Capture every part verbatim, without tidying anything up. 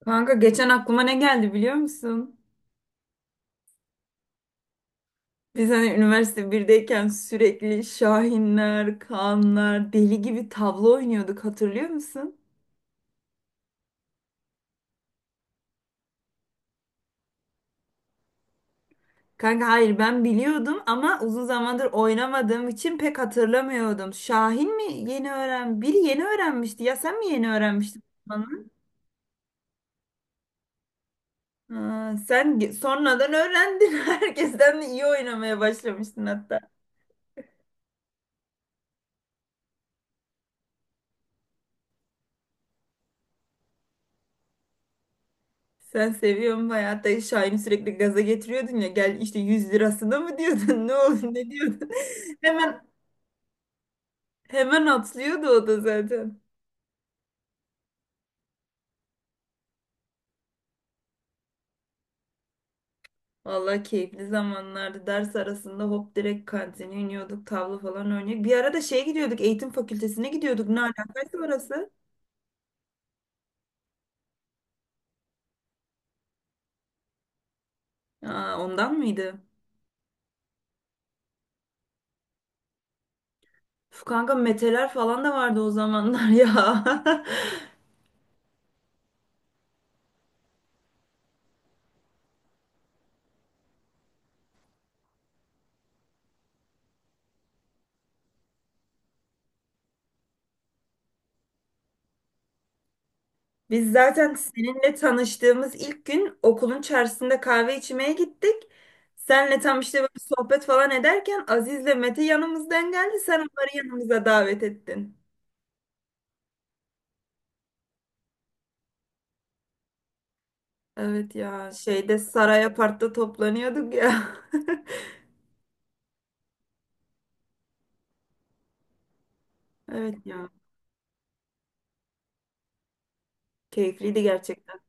Kanka geçen aklıma ne geldi biliyor musun? Biz hani üniversite birdeyken sürekli Şahinler, Kaanlar, deli gibi tavla oynuyorduk hatırlıyor musun? Kanka hayır ben biliyordum ama uzun zamandır oynamadığım için pek hatırlamıyordum. Şahin mi yeni öğren? Biri yeni öğrenmişti ya sen mi yeni öğrenmiştin? Bana? Ha, sen ge- sonradan öğrendin. Herkesten de iyi oynamaya başlamıştın hatta. Sen seviyorsun bayağı. Hatta Şahin'i sürekli gaza getiriyordun ya. Gel işte yüz lirasına mı diyordun? Ne oldu? Ne diyordun? Hemen hemen atlıyordu o da zaten. Vallahi keyifli zamanlardı. Ders arasında hop direkt kantine iniyorduk. Tavla falan oynuyorduk. Bir ara da şeye gidiyorduk. Eğitim fakültesine gidiyorduk. Ne alakası orası? Aa, ondan mıydı? Uf, kanka meteler falan da vardı o zamanlar ya. Biz zaten seninle tanıştığımız ilk gün okulun çarşısında kahve içmeye gittik. Senle tam işte böyle sohbet falan ederken Aziz'le Mete yanımızdan geldi. Sen onları yanımıza davet ettin. Evet ya şeyde Saray Apart'ta toplanıyorduk ya. Evet ya keyifliydi gerçekten.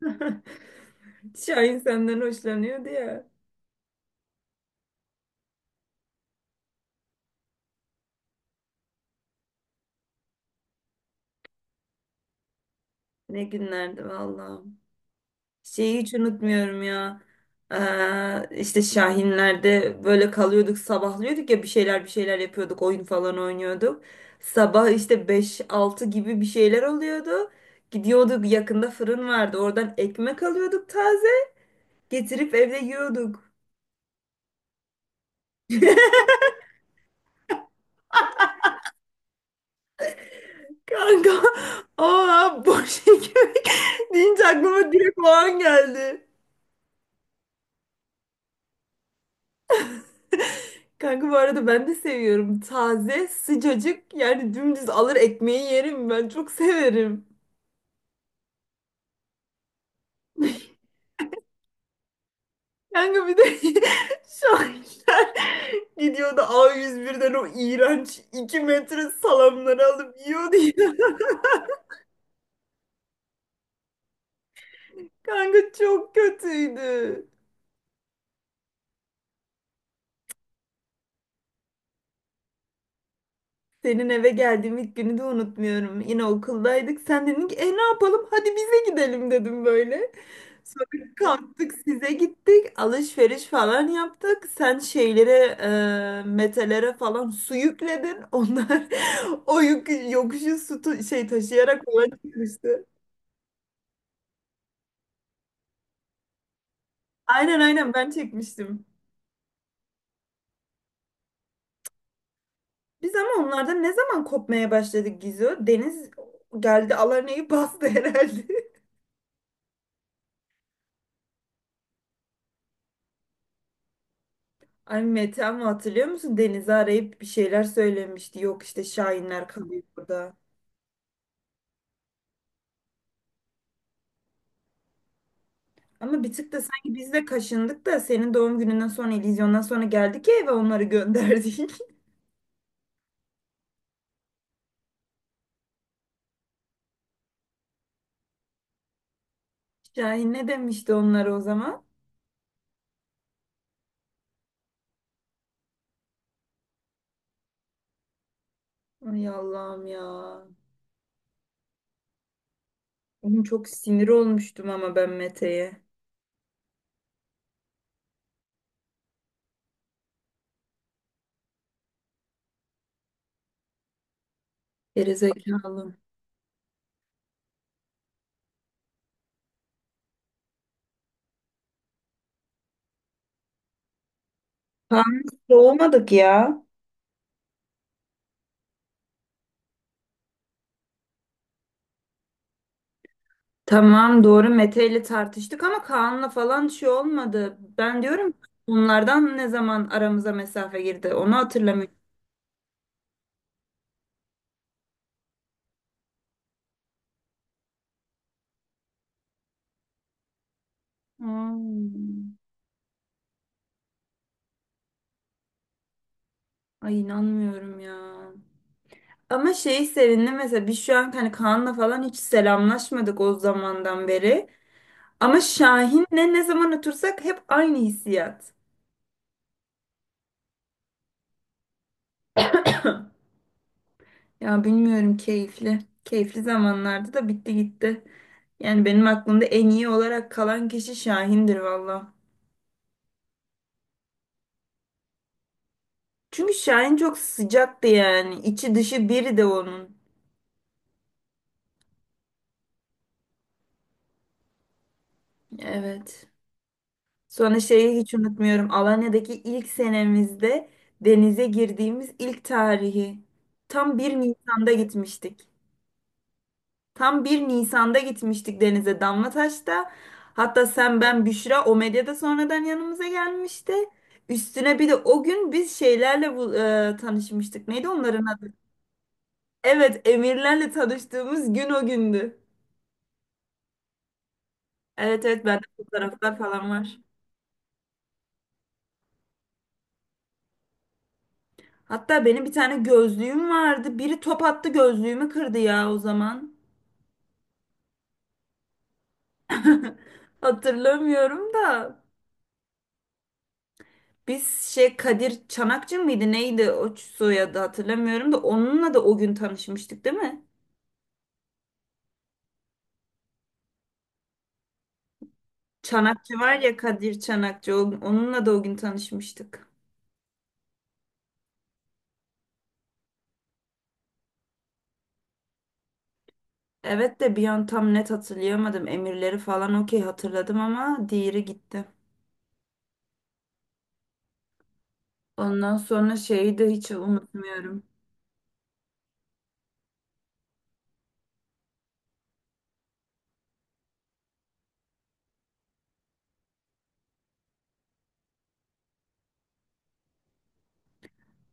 Şahin senden hoşlanıyordu ya. Ne günlerdi vallahi. Şeyi hiç unutmuyorum ya. Ee, işte Şahinler'de böyle kalıyorduk, sabahlıyorduk ya bir şeyler bir şeyler yapıyorduk, oyun falan oynuyorduk. Sabah işte beş altı gibi bir şeyler oluyordu. Gidiyorduk yakında fırın vardı. Oradan ekmek alıyorduk taze. Getirip evde yiyorduk. Kanka, aa boş ekmek deyince aklıma direkt o an geldi. Kanka bu arada ben de seviyorum. Taze, sıcacık yani dümdüz alır ekmeği yerim ben. Çok severim. Kanka bir de şahinler gidiyordu a yüz birden o iğrenç iki metre salamları alıp yiyordu ya. Kanka çok kötüydü. Senin eve geldiğim ilk günü de unutmuyorum. Yine okuldaydık. Sen dedin ki e ne yapalım? Hadi bize gidelim dedim böyle. Sonra kalktık size gittik. Alışveriş falan yaptık. Sen şeylere, e, metelere falan su yükledin. Onlar o yük, yokuşu su tu- şey taşıyarak falan çıkmıştı. Aynen aynen ben çekmiştim. Biz ama onlardan ne zaman kopmaya başladık Gizo? Deniz geldi Alarne'yi bastı herhalde. Ay Mete ama hatırlıyor musun? Deniz'i arayıp bir şeyler söylemişti. Yok işte Şahinler kalıyor burada. Ama bir tık da sanki biz de kaşındık da senin doğum gününden sonra, illüzyondan sonra geldik ya eve onları gönderdik. Şahin ne demişti onlara o zaman? Ay Allah'ım ya. Oğlum çok sinir olmuştum ama ben Mete'ye. Gerizekalı. Kanlı doğmadık ya. Tamam doğru Mete ile tartıştık ama Kaan'la falan şey olmadı. Ben diyorum ki, bunlardan ne zaman aramıza mesafe girdi onu hatırlamıyorum. Hmm. Ay inanmıyorum ya. Ama şey sevindim mesela biz şu an hani Kaan'la falan hiç selamlaşmadık o zamandan beri. Ama Şahin'le ne zaman otursak hep aynı hissiyat. Ya bilmiyorum keyifli. Keyifli zamanlarda da bitti gitti. Yani benim aklımda en iyi olarak kalan kişi Şahin'dir valla. Çünkü Şahin çok sıcaktı yani. İçi dışı biri de onun. Evet. Sonra şeyi hiç unutmuyorum. Alanya'daki ilk senemizde denize girdiğimiz ilk tarihi. Tam bir Nisan'da gitmiştik. Tam bir Nisan'da gitmiştik denize Damlataş'ta. Hatta sen, ben, Büşra o medyada sonradan yanımıza gelmişti. Üstüne bir de o gün biz şeylerle bu- e, tanışmıştık. Neydi onların adı? Evet, emirlerle tanıştığımız gün o gündü. Evet evet bende fotoğraflar falan var. Hatta benim bir tane gözlüğüm vardı. Biri top attı gözlüğümü kırdı ya o zaman. Hatırlamıyorum da. Biz şey Kadir Çanakçı mıydı neydi o soyadı hatırlamıyorum da onunla da o gün tanışmıştık değil mi? Çanakçı var ya Kadir Çanakçı o- onunla da o gün tanışmıştık. Evet de bir an tam net hatırlayamadım. Emirleri falan okey hatırladım ama diğeri gitti. Ondan sonra şeyi de hiç unutmuyorum.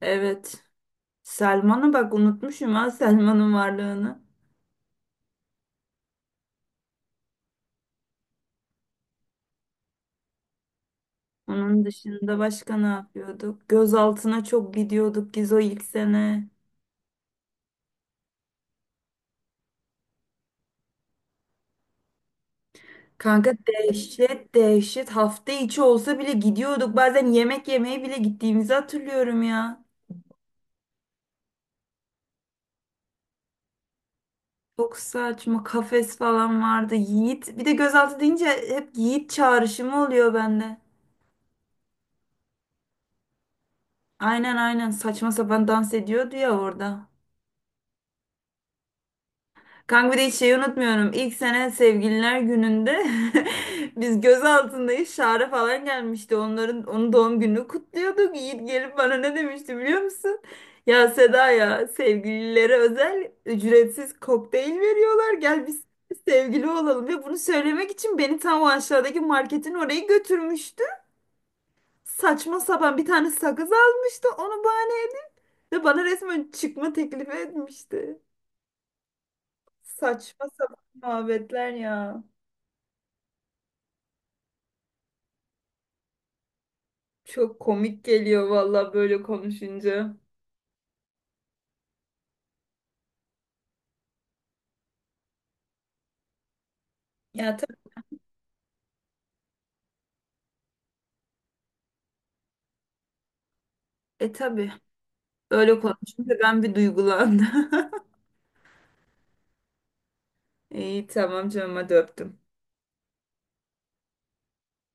Evet. Selma'nı bak unutmuşum ha Selman'ın varlığını. Onun dışında başka ne yapıyorduk? Gözaltına çok gidiyorduk Gizo ilk sene. Kanka dehşet dehşet hafta içi olsa bile gidiyorduk. Bazen yemek yemeye bile gittiğimizi hatırlıyorum ya. Çok saçma kafes falan vardı. Yiğit bir de gözaltı deyince hep Yiğit çağrışımı oluyor bende. Aynen aynen saçma sapan dans ediyordu ya orada. Kanka bir de hiç şeyi unutmuyorum. İlk sene sevgililer gününde biz göz altındayız. Şare falan gelmişti. Onların onun doğum gününü kutluyorduk. Yiğit gelip bana ne demişti biliyor musun? Ya Seda ya sevgililere özel ücretsiz kokteyl veriyorlar. Gel biz sevgili olalım. Ve bunu söylemek için beni tam o aşağıdaki marketin oraya götürmüştü. Saçma sapan bir tane sakız almıştı. Onu bahane edip ve bana resmen çıkma teklifi etmişti. Saçma sapan muhabbetler ya. Çok komik geliyor valla böyle konuşunca. Ya tabii, e tabii. Böyle konuşunca ben bir duygulandım. İyi tamam canım hadi öptüm.